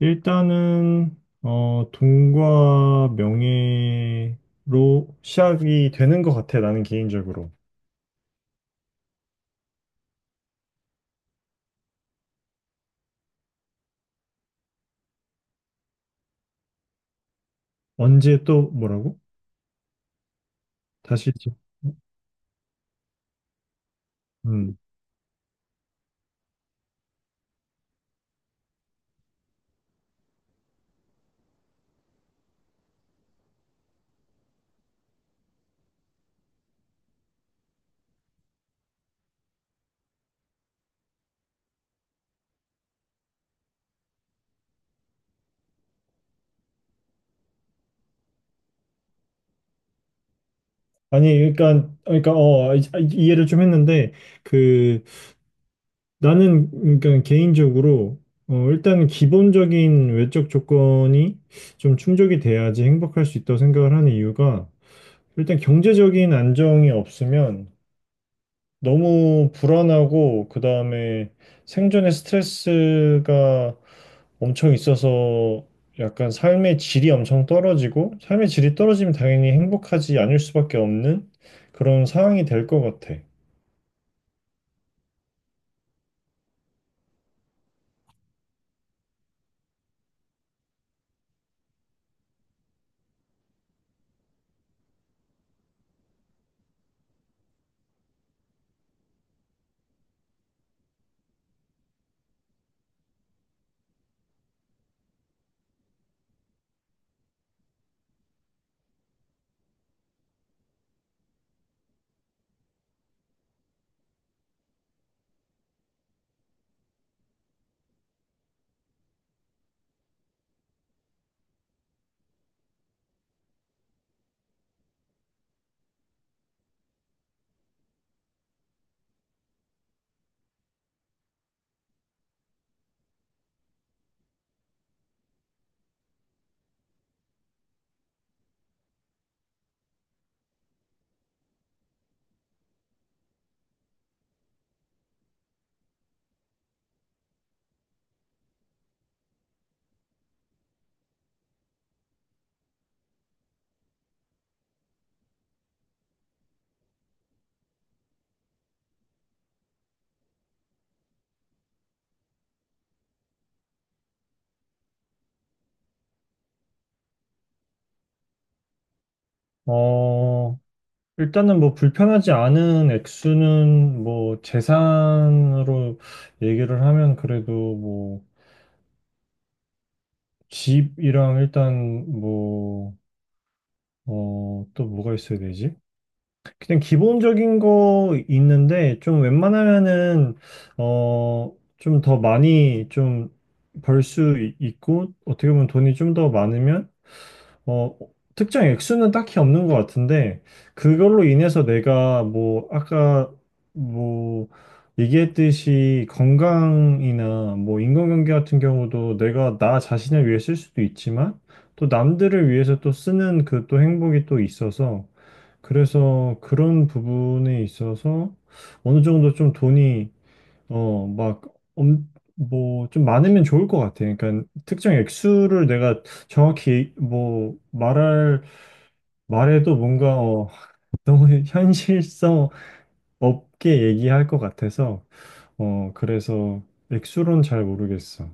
일단은 돈과 명예로 시작이 되는 것 같아. 나는 개인적으로. 언제 또 뭐라고? 다시 좀- 음. 아니 그러니까 이해를 좀 했는데 그 나는 그러니까 개인적으로 일단은 기본적인 외적 조건이 좀 충족이 돼야지 행복할 수 있다고 생각을 하는 이유가 일단 경제적인 안정이 없으면 너무 불안하고 그다음에 생존의 스트레스가 엄청 있어서 약간 삶의 질이 엄청 떨어지고 삶의 질이 떨어지면 당연히 행복하지 않을 수밖에 없는 그런 상황이 될 것 같아. 어, 일단은 뭐 불편하지 않은 액수는 뭐 재산으로 얘기를 하면 그래도 뭐 집이랑 일단 뭐, 또 뭐가 있어야 되지? 그냥 기본적인 거 있는데 좀 웬만하면은 어 좀 더 많이 좀 벌 수 있고 어떻게 보면 돈이 좀 더 많으면 어, 특정 액수는 딱히 없는 것 같은데, 그걸로 인해서 내가 뭐, 아까 뭐, 얘기했듯이, 건강이나 뭐, 인간관계 같은 경우도 내가 나 자신을 위해 쓸 수도 있지만, 또 남들을 위해서 또 쓰는 그 또 행복이 또 있어서, 그래서 그런 부분에 있어서 어느 정도 좀 돈이 어, 막, 좀 많으면 좋을 것 같아. 그러니까, 특정 액수를 내가 정확히, 뭐, 말할, 말해도 뭔가, 너무 현실성 없게 얘기할 것 같아서, 그래서 액수로는 잘 모르겠어.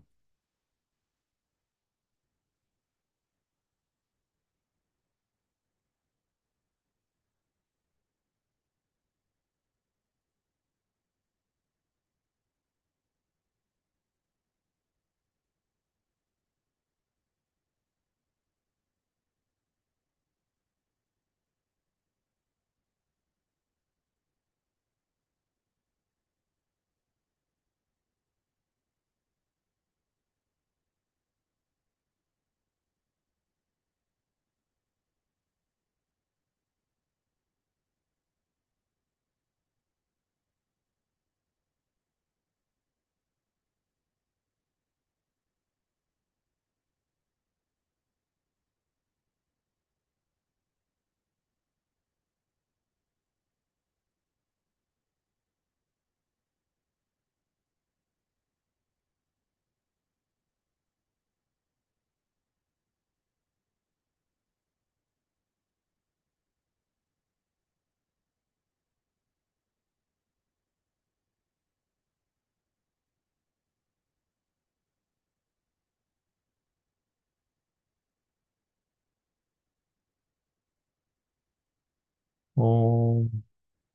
어,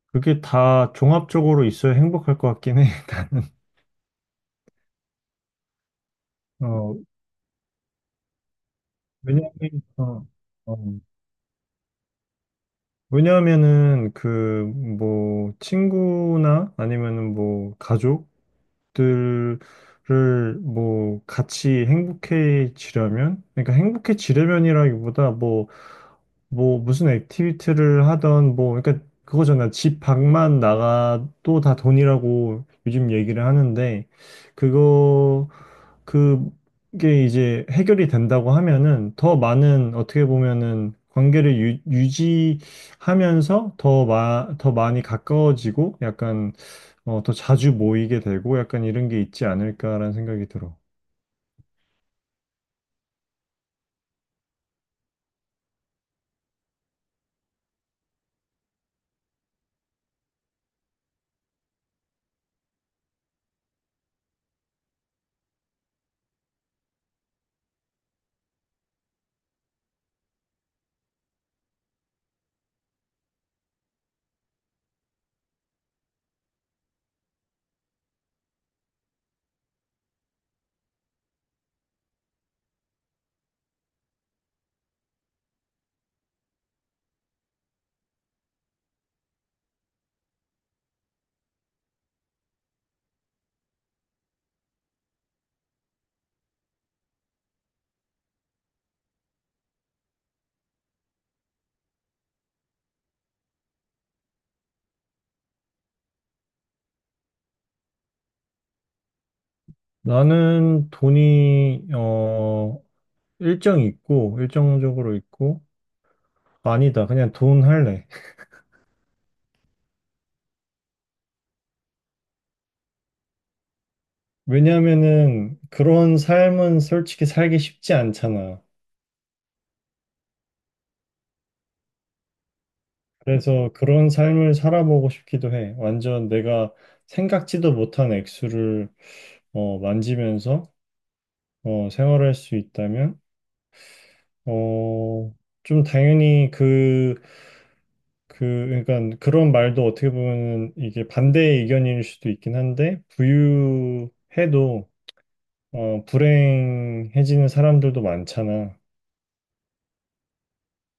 그게 다 종합적으로 있어야 행복할 것 같긴 해, 나는. 어, 왜냐면, 어. 왜냐하면은 그 뭐 친구나 아니면은 뭐 가족 것들을 뭐 같이 행복해지려면 그러니까 행복해지려면이라기보다 뭐 무슨 액티비티를 하던 뭐 그러니까 그거잖아. 집 밖만 나가도 다 돈이라고 요즘 얘기를 하는데 그거 그게 이제 해결이 된다고 하면은 더 많은 어떻게 보면은 관계를 유지하면서 더 많이 가까워지고 약간 더 자주 모이게 되고 약간 이런 게 있지 않을까라는 생각이 들어. 나는 돈이, 일정 있고, 일정적으로 있고, 아니다. 그냥 돈 할래. 왜냐면은 그런 삶은 솔직히 살기 쉽지 않잖아. 그래서 그런 삶을 살아보고 싶기도 해. 완전 내가 생각지도 못한 액수를, 만지면서, 생활할 수 있다면, 어, 좀 당연히 그러니까 그런 말도 어떻게 보면 이게 반대의 의견일 수도 있긴 한데, 부유해도 불행해지는 사람들도 많잖아.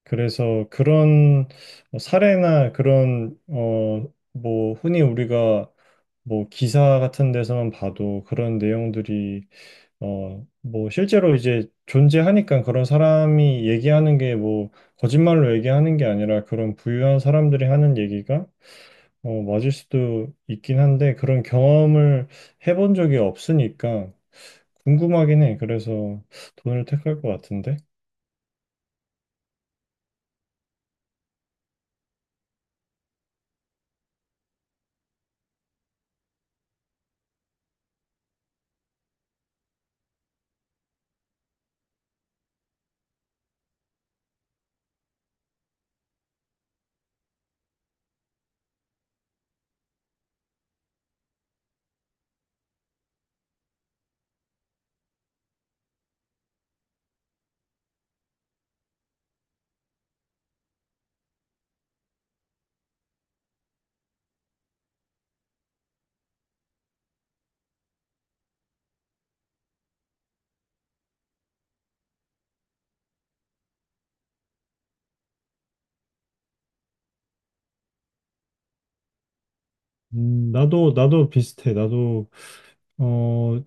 그래서 그런 뭐 사례나 그런 뭐 흔히 우리가 뭐 기사 같은 데서만 봐도 그런 내용들이 뭐 실제로 이제 존재하니까 그런 사람이 얘기하는 게 뭐 거짓말로 얘기하는 게 아니라 그런 부유한 사람들이 하는 얘기가 맞을 수도 있긴 한데 그런 경험을 해본 적이 없으니까 궁금하긴 해. 그래서 돈을 택할 것 같은데. 나도 비슷해. 나도 어,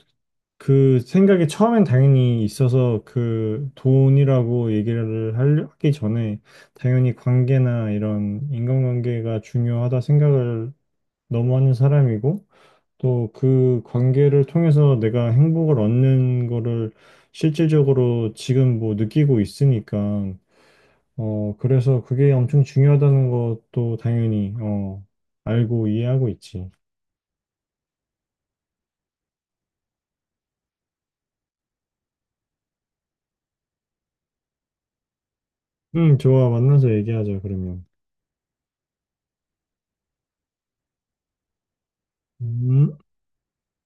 그 생각이 처음엔 당연히 있어서 그 돈이라고 하기 전에 당연히 관계나 이런 인간관계가 중요하다 생각을 너무 하는 사람이고 또 그 관계를 통해서 내가 행복을 얻는 거를 실질적으로 지금 뭐 느끼고 있으니까, 그래서 그게 엄청 중요하다는 것도 당연히, 알고 이해하고 있지. 응, 좋아. 만나서 얘기하자, 그러면. 음.